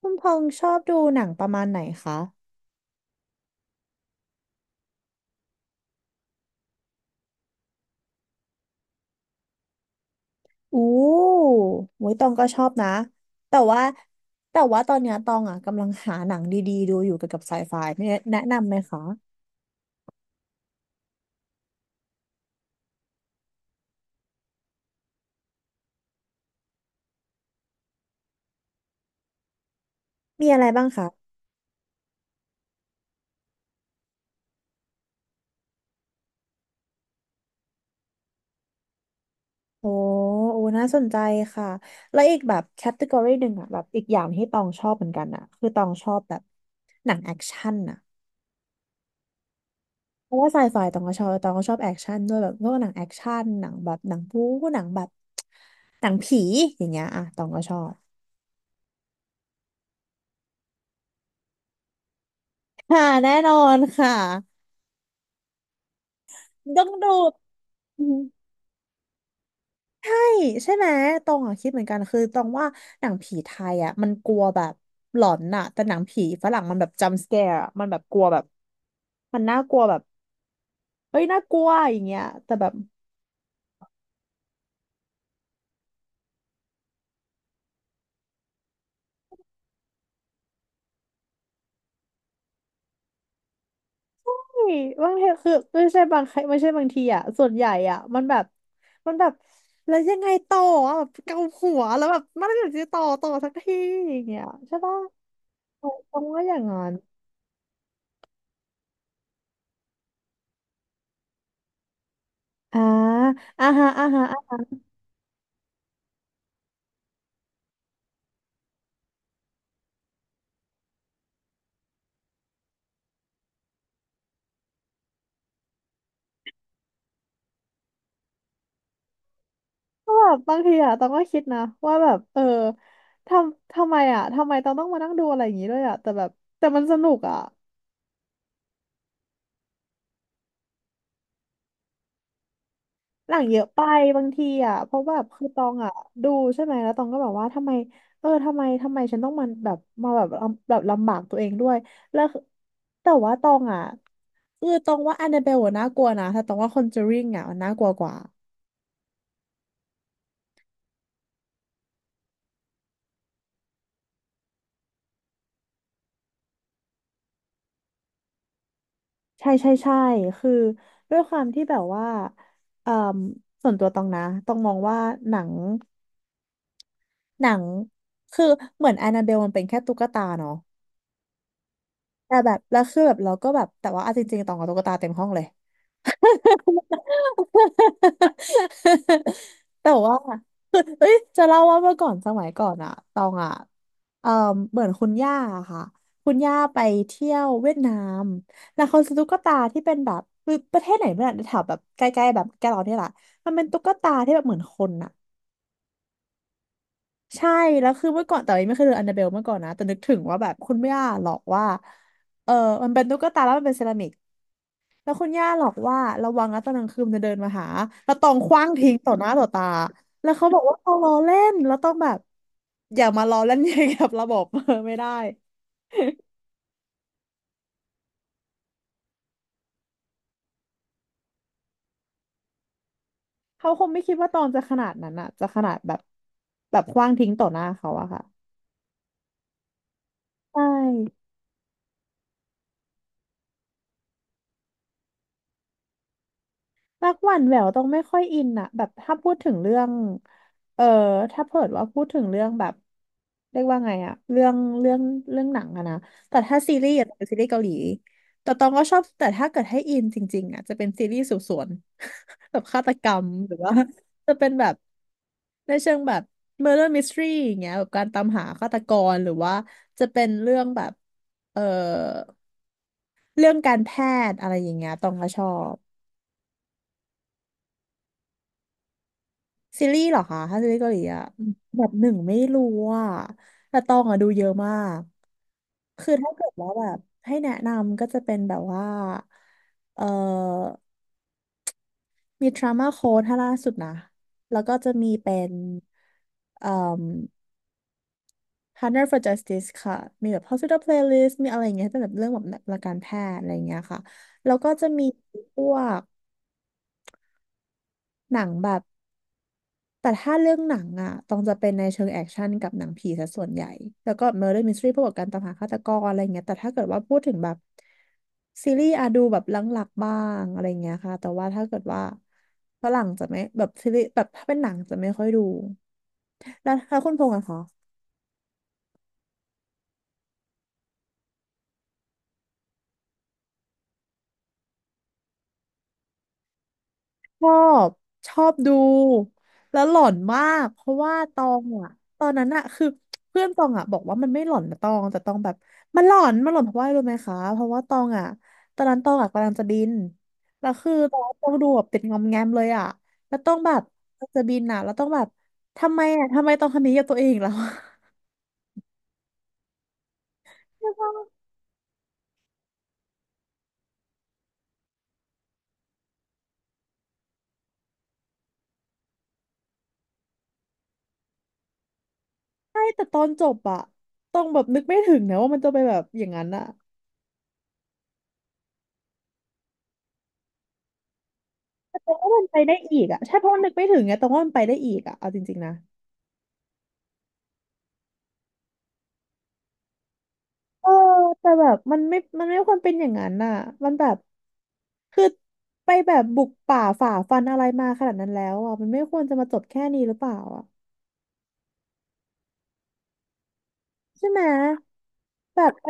คุณพงษ์ชอบดูหนังประมาณไหนคะ อู้โว้ยตองก็ชอบนะ แต่ว่าแต่ว่าตอนเนี้ยตองอ่ะกำลังหาหนังดีๆดูอยู่เกี่ยวกับไซไฟเนี่ยแนะนำไหมคะ มีอะไรบ้างคะ โอ้โอ้น่าสนใจค่ะแล้วอีกแบบแคตตากรีหนึ่งอ่ะแบบอีกอย่างที่ตองชอบเหมือนกันอ่ะคือตองชอบแบบหนังแอคชั่นอ่ะเพราะว่าไซไฟตองก็ชอบตองก็ชอบแอคชั่นด้วยแบบพวกหนังแอคชั่นหนังแบบหนังบู๊หนังแบบหนังผีอย่างเงี้ยอ่ะตองก็ชอบ ค่ะแน่นอนค่ะต้องดูอืมใช่ใช่ไหมตองอะคิดเหมือนกันคือตองว่าหนังผีไทยอ่ะมันกลัวแบบหลอนน่ะแต่หนังผีฝรั่งมันแบบจัมป์สแกร์มันแบบกลัวแบบมันน่ากลัวแบบเฮ้ยน่ากลัวอย่างเงี้ยแต่แบบเฮ้ยบางทีคือไม่ใช่บางครั้งไม่ใช่บางทีอ่ะส่วนใหญ่อ่ะมันแบบมันแบบแล้วยังไงต่ออะแบบเกาหัวแล้วแบบมันไม่อยากจะต่อสักทีอย่างเงี้ยใช่ปะตองว่าอย่างนั้นอ่าอ่าฮะอ่าฮะ ก็แบบบางทีอะต้องก็คิดนะว่าแบบเออทำไมอะทำไมต้องมานั่งดูอะไรอย่างงี้ด้วยอะแต่แบบแต่มันสนุกอะหนังเยอะไปบางทีอะเพราะแบบคือตองอะดูใช่ไหมแล้วตองก็แบบว่าทำไมเออทำไมฉันต้องมาแบบมาแบบลำแบบลำบากตัวเองด้วยแล้วคือแต่ว่าตองอะคือตองว่าแอนนาเบลน่ากลัวนะแต่ตองว่าคอนเจอริงอะมันน่ากลัวกว่าใช่ใช่ใช่คือด้วยความที่แบบว่าเอ่อส่วนตัวตองนะต้องมองว่าหนัง หนังคือเหมือนแอนนาเบลมันเป็นแค่ตุ๊กตาเนาะแต่แบบแล้วคือแบบเราก็แบบแต่ว่าเอาจริงๆตองกับตุ๊กตาเต็มห้องเลย แต่ว่า เอ้ยจะเล่าว่าเมื่อก่อนสมัยก่อนอะตองอะเอ่อเหมือนคุณย่าอะค่ะคุณย่าไปเที่ยวเวียดนามแล้วเขาซื้อตุ๊กตาที่เป็นแบบคือประเทศไหนไม่รู้อะแถวแบบใกล้ๆแบบแกเราเนี่ยแหละมันเป็นตุ๊กตาที่แบบเหมือนคนอะ ใช่แล้วคือเมื่อก่อนแต่ไม่เคยเจออันนาเบลเมื่อก่อนนะแต่นึกถึงว่าแบบคุณย่าหลอกว่าเออมันเป็นตุ๊กตาแล้วมันเป็นเซรามิกแล้วคุณย่าหลอกว่าระวังนะตอนกลางคืนมันจะเดินมาหาแล้วตองขว้างทิ้งต่อหน้าต่อตาแล้วเขาบอกว่าเขาล้อเล่นแล้วต้องแบบอย่ามาล้อเล่น อย่างกับระบบ เออไม่ได้ เขาคงไม่คิดว่าตองจะขนาดนั้นอะจะขนาดแบบแบบขว้างทิ้งต่อหน้าเขาอะค่ะใช่ รักหวานแหววต้องไม่ค่อยอินอะแบบถ้าพูดถึงเรื่องเออถ้าเผิดว่าพูดถึงเรื่องแบบเรียกว่าไงอะเรื่องเรื่องหนังอะนะแต่ถ้าซีรีส์อะจะเป็นซีรีส์เกาหลีแต่ตองก็ชอบแต่ถ้าเกิดให้อินจริงๆอะจะเป็นซีรีส์สืบสวน แบบฆาตกรรมหรือว่าจะเป็นแบบในเชิงแบบ murder mystery อย่างเงี้ยแบบการตามหาฆาตกรหรือว่าจะเป็นเรื่องแบบเออเรื่องการแพทย์อะไรอย่างเงี้ยตองก็ชอบ ซีรีส์เหรอคะถ้าซีรีส์เกาหลีอะแบบหนึ่งไม่รู้อ่ะแต่ตองอะดูเยอะมาก คือถ้าเกิดว่าแบบให้แนะนำก็จะเป็นแบบว่า เอ่อ มีทรามาโค้ดถ้าล่าสุดนะ แล้วก็จะมีเป็นเอ่ม Partner for Justice ค่ะ มีแบบ Hospital Playlist มีอะไรอย่างเงี้ยเป็นแบบเรื่องแบบหลักการแพทย์อะไรอย่างเงี้ยค่ะ แล้วก็จะมีพวกหนังแบบ แต่ถ้าเรื่องหนังอ่ะต้องจะเป็นในเชิงแอคชั่นกับหนังผีซะส่วนใหญ่ แล้วก็ Murder Mystery พวกกับการตามหาฆาตกรอะไรเงี้ยแต่ถ้าเกิดว่าพูดถึงแบบซีรีส์อะดูแบบหลังๆบ้างอะไรเงี้ยค่ะแต่ว่าถ้าเกิดว่าฝรั่งจะไม่แบบซีรีส์แบบถ้าเป็นหนังจะไม่ค่อยดู แล้วถ้าคุณพงษ์อะคะ ชอบชอบดูแล้วหลอนมากเพราะว่าตองอะตอนนั้นอะคือเพื่อนตองอะบอกว่ามันไม่หลอนนะตองแต่ตองแบบมันหลอนเพราะว่าอะไรรู้ไหมคะเพราะว่าตองอะตอนนั้นตองอะกำลังจะบินแล้วคือตองดูแบบติดงอมแงมเลยอะแล้วต้องแบบจะบินอะแล้วต้องแบบทำไมอะทำไมต้องทำนี้กับตัวเองแล้ว ใช่ปะใช่แต่ตอนจบอะต้องแบบนึกไม่ถึงนะว่ามันจะไปแบบอย่างนั้นอะแต่ตองว่ามันไปได้อีกอะใช่เพราะว่านึกไม่ถึงไงตองว่ามันไปได้อีกอะเอาจริงๆนะ เออแต่แบบมันไม่ควรเป็นอย่างนั้นน่ะมันแบบคือไปแบบบุกป่าฝ่าฟันอะไรมาขนาดนั้นแล้วอ่ะมันไม่ควรจะมาจบแค่นี้หรือเปล่าอ่ะใช่ไหมแบบไป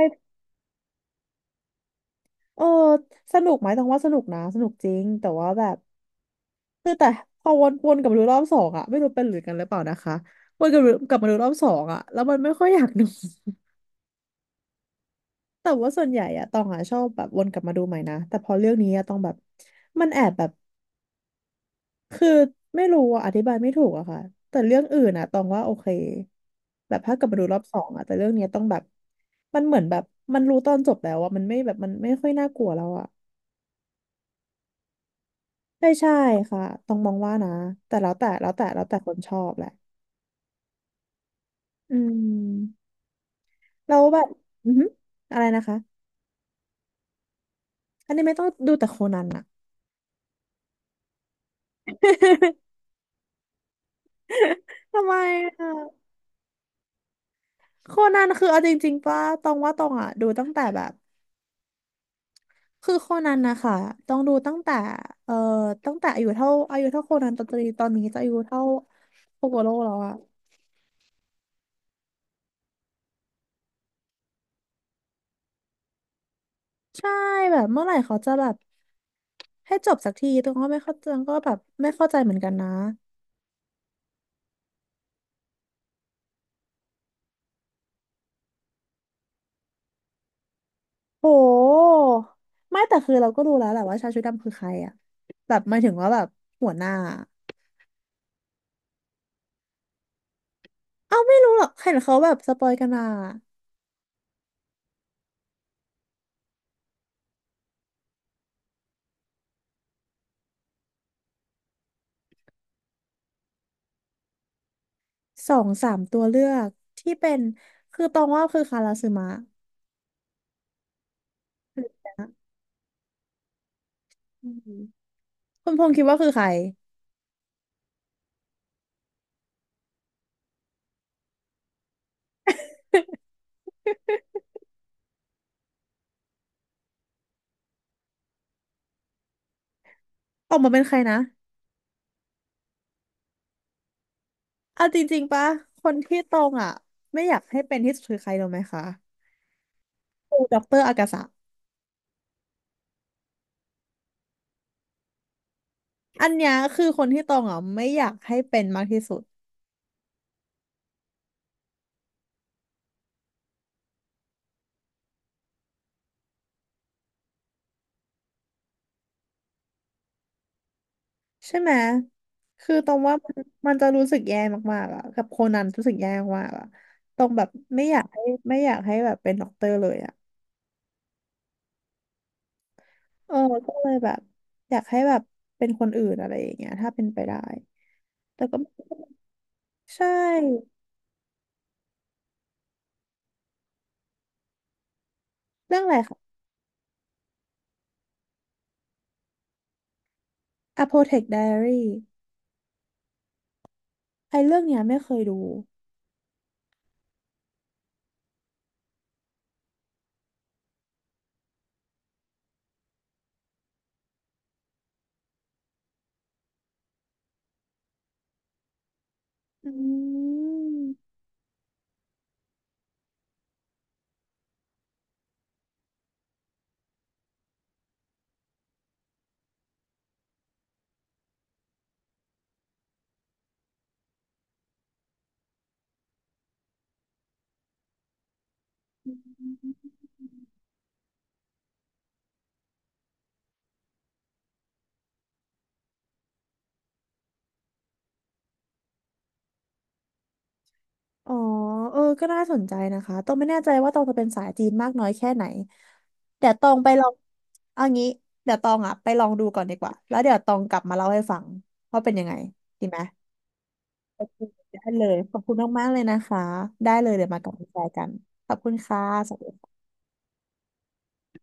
เออสนุกไหมต้องว่าสนุกนะสนุกจริงแต่ว่าแบบคือแต่พอวนกลับมาดูรอบสองอ่ะไม่รู้เป็นหรือกันหรือเปล่านะคะวนกลับมาดูรอบสองอ่ะแล้วมันไม่ค่อยอยากดู แต่ว่าส่วนใหญ่อะตองอะชอบแบบวนกลับมาดูใหม่นะแต่พอเรื่องนี้อะตองแบบมันแอบแบบ คือไม่รู้อะอธิบายไม่ถูกอะค่ะแต่เรื่องอื่นอะตองว่าโอเคแบบถ้ากลับมาดูรอบสองอะแต่เรื่องเนี้ยต้องแบบมันเหมือนแบบมันรู้ตอนจบแล้วอะมันไม่แบบมันไม่ค่อยน่ากลัวแล้วอะใช่ใช่ค่ะต้องมองว่านะแต่แล้วแต่แล้วแต่แล้วแต่คนชอบแหละอืมแล้วแบบอือหืออะไรนะคะอันนี้ไม่ต้องดูแต่โคนันอะทำไมอะโคนันคือเอาจริงๆป่ะตองว่าตองอะดูตั้งแต่แบบ คือโคนันนะคะต้องดูตั้งแต่เอ่อตั้งแต่อายุเท่าอายุเท่าโคนันตอนนี้ตอนนี้จะอายุเท่าโคโกโร่แล้วอะใช่แบบเมื่อไหร่เขาจะแบบให้จบสักทีตรงก็ไม่เข้าใจก็แบบไม่เข้าใจเหมือนกันนะโหไม่แต่คือเราก็รู้แล้วแหละว่าชายชุดดำคือใครอะแบบหมายถึงว่าแบบหัวหน้าเอ้าไม่รู้หรอกเห็นเขาแบบสปอยกันมาสองสามตัวเลือกที่เป็นคือตองว่าคือคาราซึมะอืมคุณพงษ์คิดว่าคือใคร ออกมาเป็นใครนะ เอาจริงๆปะ คนที่ตรงอ่ะไม่อยากให้เป็นที่สุดคือใครรู้ไหมคะคือด็อกเตอร์อากาสะอันเนี้ยคือคนที่ตรงอ่ะไม่อยากให้เป็นมากที่สุดใช่ไหม คือตรงว่ามันมันจะรู้สึกแย่มากๆอ่ะกับโคนันรู้สึกแย่มากๆอ่ะตรงแบบไม่อยากให้ไม่อยากให้แบบเป็นด็อกเตอร์เลยอ่ะเออก็เลยแบบอยากให้แบบเป็นคนอื่นอะไรอย่างเงี้ยถ้าเป็นไปได้แต่ก็ไม่ใช่เรื่องอะไรคะ Apotec Diary ไอ้เรื่องเนี้ยไม่เคยดูอืมอ๋อเออก็น่าสนใจนะคะตองไม่แน่ใจว่าตองจะเป็นสายจีนมากน้อยแค่ไหนเดี๋ยวตองไปลองเอางี้เดี๋ยวตองอ่ะไปลองดูก่อนดีกว่า แล้วเดี๋ยวตองกลับมาเล่าให้ฟังว่าเป็นยังไงดีไหมโอเคได้เลยขอบคุณมากๆเลยนะคะได้เลยเดี๋ยวมากลับมาแชร์กันขอบคุณค่ะสวัสดีค่ะ